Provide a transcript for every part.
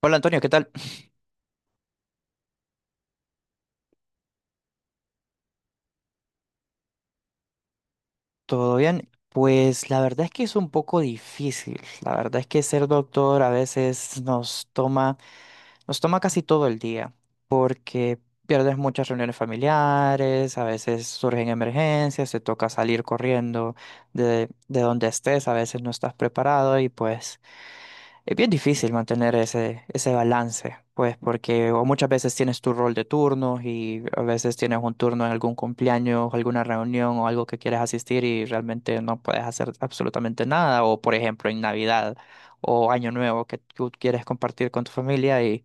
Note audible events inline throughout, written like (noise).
Hola Antonio, ¿qué tal? ¿Todo bien? Pues la verdad es que es un poco difícil. La verdad es que ser doctor a veces nos toma casi todo el día, porque pierdes muchas reuniones familiares, a veces surgen emergencias, te toca salir corriendo de donde estés, a veces no estás preparado y pues es bien difícil mantener ese balance, pues porque o muchas veces tienes tu rol de turnos y a veces tienes un turno en algún cumpleaños, alguna reunión o algo que quieres asistir y realmente no puedes hacer absolutamente nada. O por ejemplo en Navidad o Año Nuevo que tú quieres compartir con tu familia y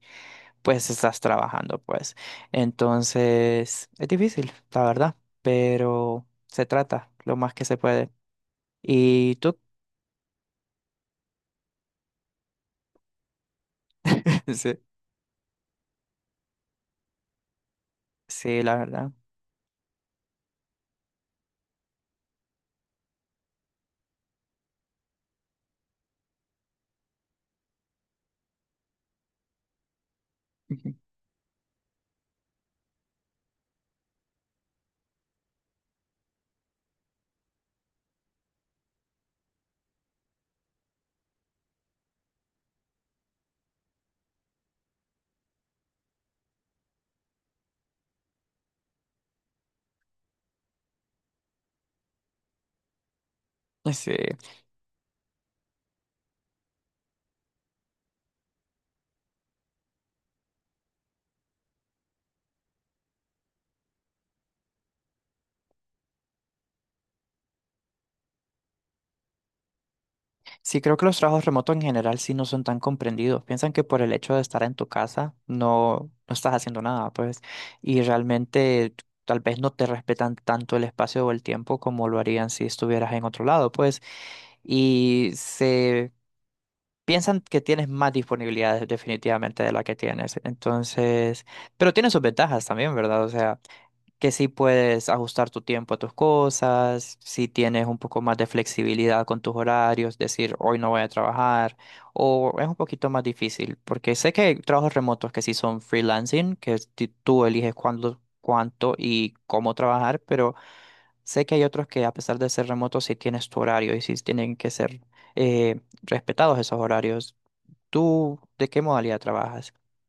pues estás trabajando, pues. Entonces es difícil, la verdad, pero se trata lo más que se puede. ¿Y tú? (laughs) Sí, sí, la verdad. (laughs) Ujú. Sí. Sí, creo que los trabajos remotos en general sí no son tan comprendidos. Piensan que por el hecho de estar en tu casa no estás haciendo nada, pues, y realmente tal vez no te respetan tanto el espacio o el tiempo como lo harían si estuvieras en otro lado, pues, y se piensan que tienes más disponibilidades definitivamente de la que tienes. Entonces, pero tiene sus ventajas también, ¿verdad? O sea, que sí puedes ajustar tu tiempo a tus cosas, si tienes un poco más de flexibilidad con tus horarios, decir hoy no voy a trabajar, o es un poquito más difícil, porque sé que hay trabajos remotos que sí son freelancing, que es tú eliges cuándo, cuánto y cómo trabajar, pero sé que hay otros que a pesar de ser remotos sí tienes tu horario y sí tienen que ser respetados esos horarios. ¿Tú de qué modalidad trabajas? (laughs)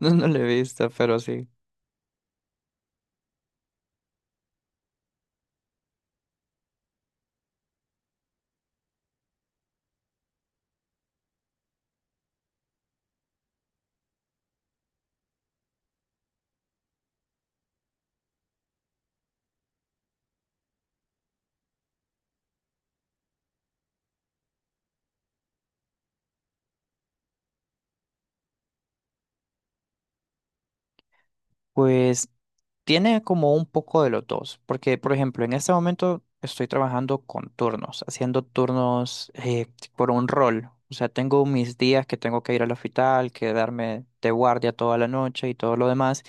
No, no lo he visto, pero sí. Pues tiene como un poco de los dos, porque por ejemplo, en este momento estoy trabajando con turnos, haciendo turnos por un rol. O sea, tengo mis días que tengo que ir al hospital, quedarme de guardia toda la noche y todo lo demás,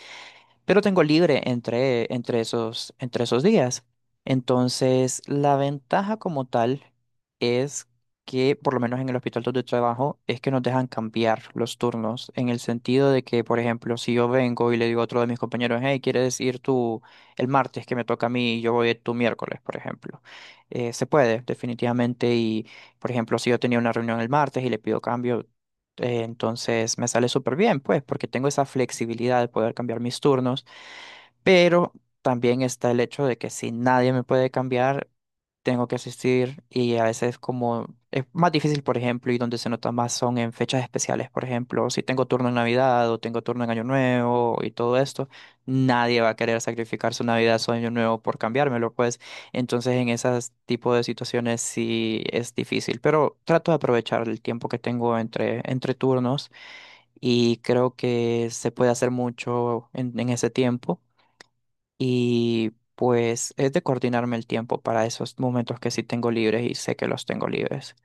pero tengo libre entre esos días. Entonces, la ventaja como tal es que, por lo menos en el hospital donde trabajo, es que nos dejan cambiar los turnos, en el sentido de que, por ejemplo, si yo vengo y le digo a otro de mis compañeros, hey, ¿quieres ir tú el martes que me toca a mí y yo voy tú miércoles, por ejemplo? Se puede, definitivamente, y, por ejemplo, si yo tenía una reunión el martes y le pido cambio, entonces me sale súper bien, pues, porque tengo esa flexibilidad de poder cambiar mis turnos, pero también está el hecho de que si nadie me puede cambiar, tengo que asistir y a veces como es más difícil, por ejemplo, y donde se nota más son en fechas especiales, por ejemplo, si tengo turno en Navidad o tengo turno en Año Nuevo y todo esto, nadie va a querer sacrificar su Navidad, su Año Nuevo por cambiármelo, pues entonces en esas tipo de situaciones sí es difícil, pero trato de aprovechar el tiempo que tengo entre turnos y creo que se puede hacer mucho en ese tiempo. Y pues es de coordinarme el tiempo para esos momentos que sí tengo libres y sé que los tengo libres.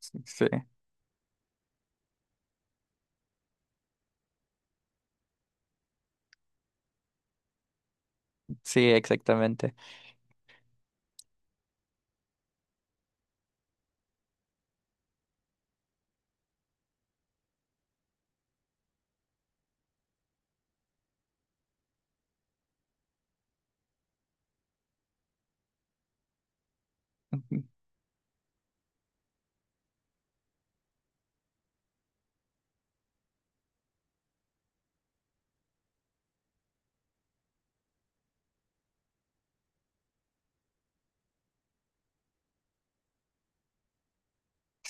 Sí, sí, exactamente. Ujú.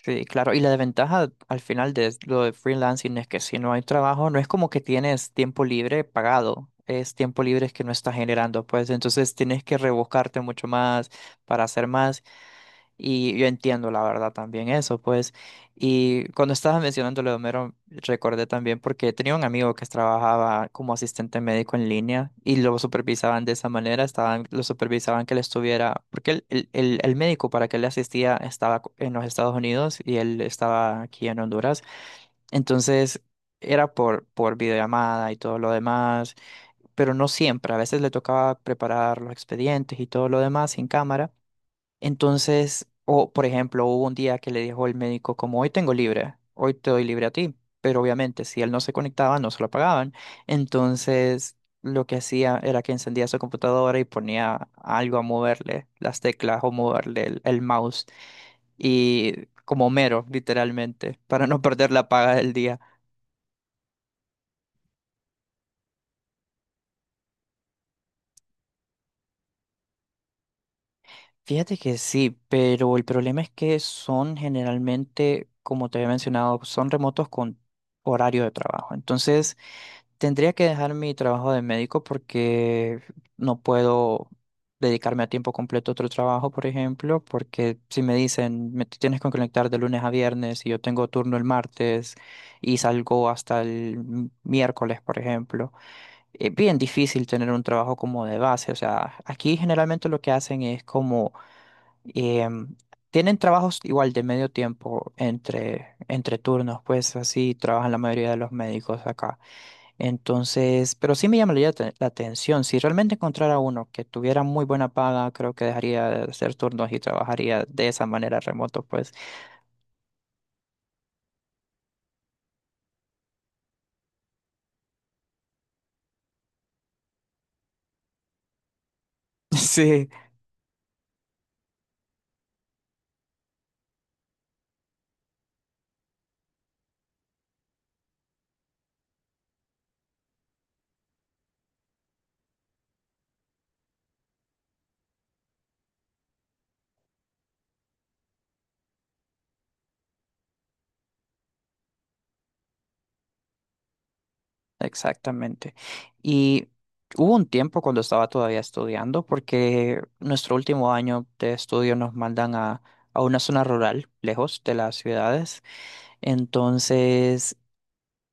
Sí, claro. Y la desventaja al final de lo de freelancing es que si no hay trabajo, no es como que tienes tiempo libre pagado. Es tiempo libre que no estás generando, pues entonces tienes que rebuscarte mucho más para hacer más. Y yo entiendo la verdad también eso, pues. Y cuando estabas mencionando lo de Homero, recordé también porque tenía un amigo que trabajaba como asistente médico en línea y lo supervisaban de esa manera, estaban, lo supervisaban que él estuviera, porque el médico para que le asistía estaba en los Estados Unidos y él estaba aquí en Honduras. Entonces era por videollamada y todo lo demás, pero no siempre, a veces le tocaba preparar los expedientes y todo lo demás sin cámara. Entonces, o por ejemplo, hubo un día que le dijo el médico como hoy tengo libre, hoy te doy libre a ti, pero obviamente si él no se conectaba no se lo pagaban. Entonces, lo que hacía era que encendía su computadora y ponía algo a moverle, las teclas o moverle el mouse y como mero, literalmente, para no perder la paga del día. Fíjate que sí, pero el problema es que son generalmente, como te había mencionado, son remotos con horario de trabajo. Entonces, tendría que dejar mi trabajo de médico porque no puedo dedicarme a tiempo completo a otro trabajo, por ejemplo, porque si me dicen, me te tienes que conectar de lunes a viernes y yo tengo turno el martes y salgo hasta el miércoles, por ejemplo, es bien difícil tener un trabajo como de base. O sea, aquí generalmente lo que hacen es como em, tienen trabajos igual de medio tiempo entre turnos, pues así trabajan la mayoría de los médicos acá. Entonces, pero sí me llamaría la atención. Si realmente encontrara uno que tuviera muy buena paga, creo que dejaría de hacer turnos y trabajaría de esa manera remoto, pues. (laughs) Sí, exactamente. Y hubo un tiempo cuando estaba todavía estudiando, porque nuestro último año de estudio nos mandan a una zona rural, lejos de las ciudades. Entonces,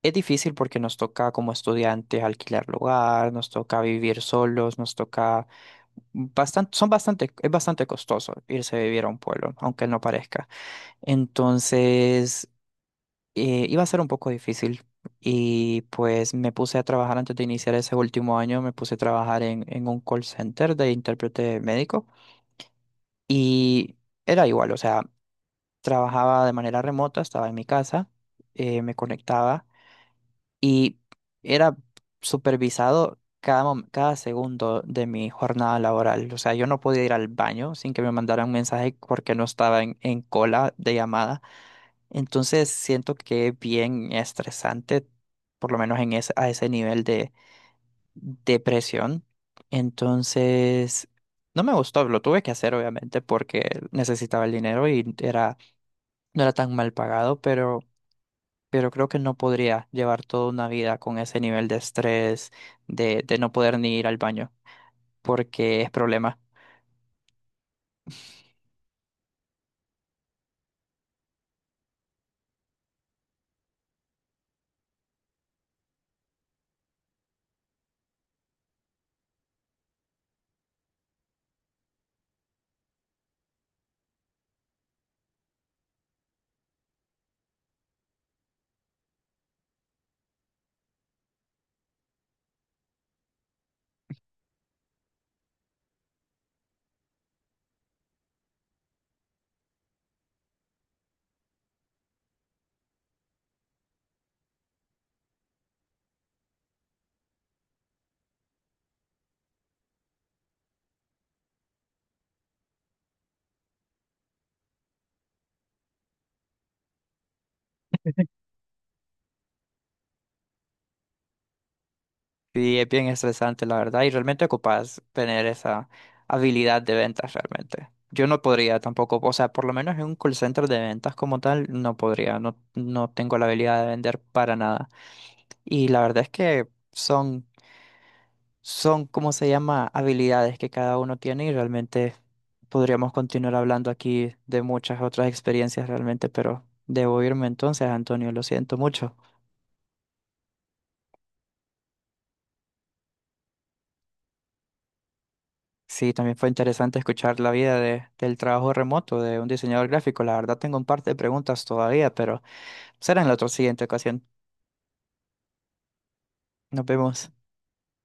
es difícil porque nos toca como estudiantes alquilar lugar, nos toca vivir solos, nos toca bastante, es bastante costoso irse a vivir a un pueblo, aunque no parezca. Entonces, iba a ser un poco difícil y pues me puse a trabajar antes de iniciar ese último año, me puse a trabajar en un call center de intérprete médico y era igual, o sea, trabajaba de manera remota, estaba en mi casa, me conectaba. Y era supervisado cada segundo de mi jornada laboral. O sea, yo no podía ir al baño sin que me mandaran un mensaje porque no estaba en cola de llamada. Entonces siento que es bien estresante, por lo menos en a ese nivel de depresión. Entonces, no me gustó, lo tuve que hacer obviamente porque necesitaba el dinero y era, no era tan mal pagado, pero creo que no podría llevar toda una vida con ese nivel de estrés, de no poder ni ir al baño, porque es problema. Y es bien estresante, la verdad, y realmente ocupas tener esa habilidad de ventas realmente. Yo no podría tampoco, o sea, por lo menos en un call center de ventas como tal, no podría, no, no tengo la habilidad de vender para nada. Y la verdad es que son son, ¿cómo se llama?, habilidades que cada uno tiene y realmente podríamos continuar hablando aquí de muchas otras experiencias realmente, pero debo irme entonces, Antonio, lo siento mucho. Sí, también fue interesante escuchar la vida de, del trabajo remoto de un diseñador gráfico. La verdad tengo un par de preguntas todavía, pero será en la otra siguiente ocasión. Nos vemos.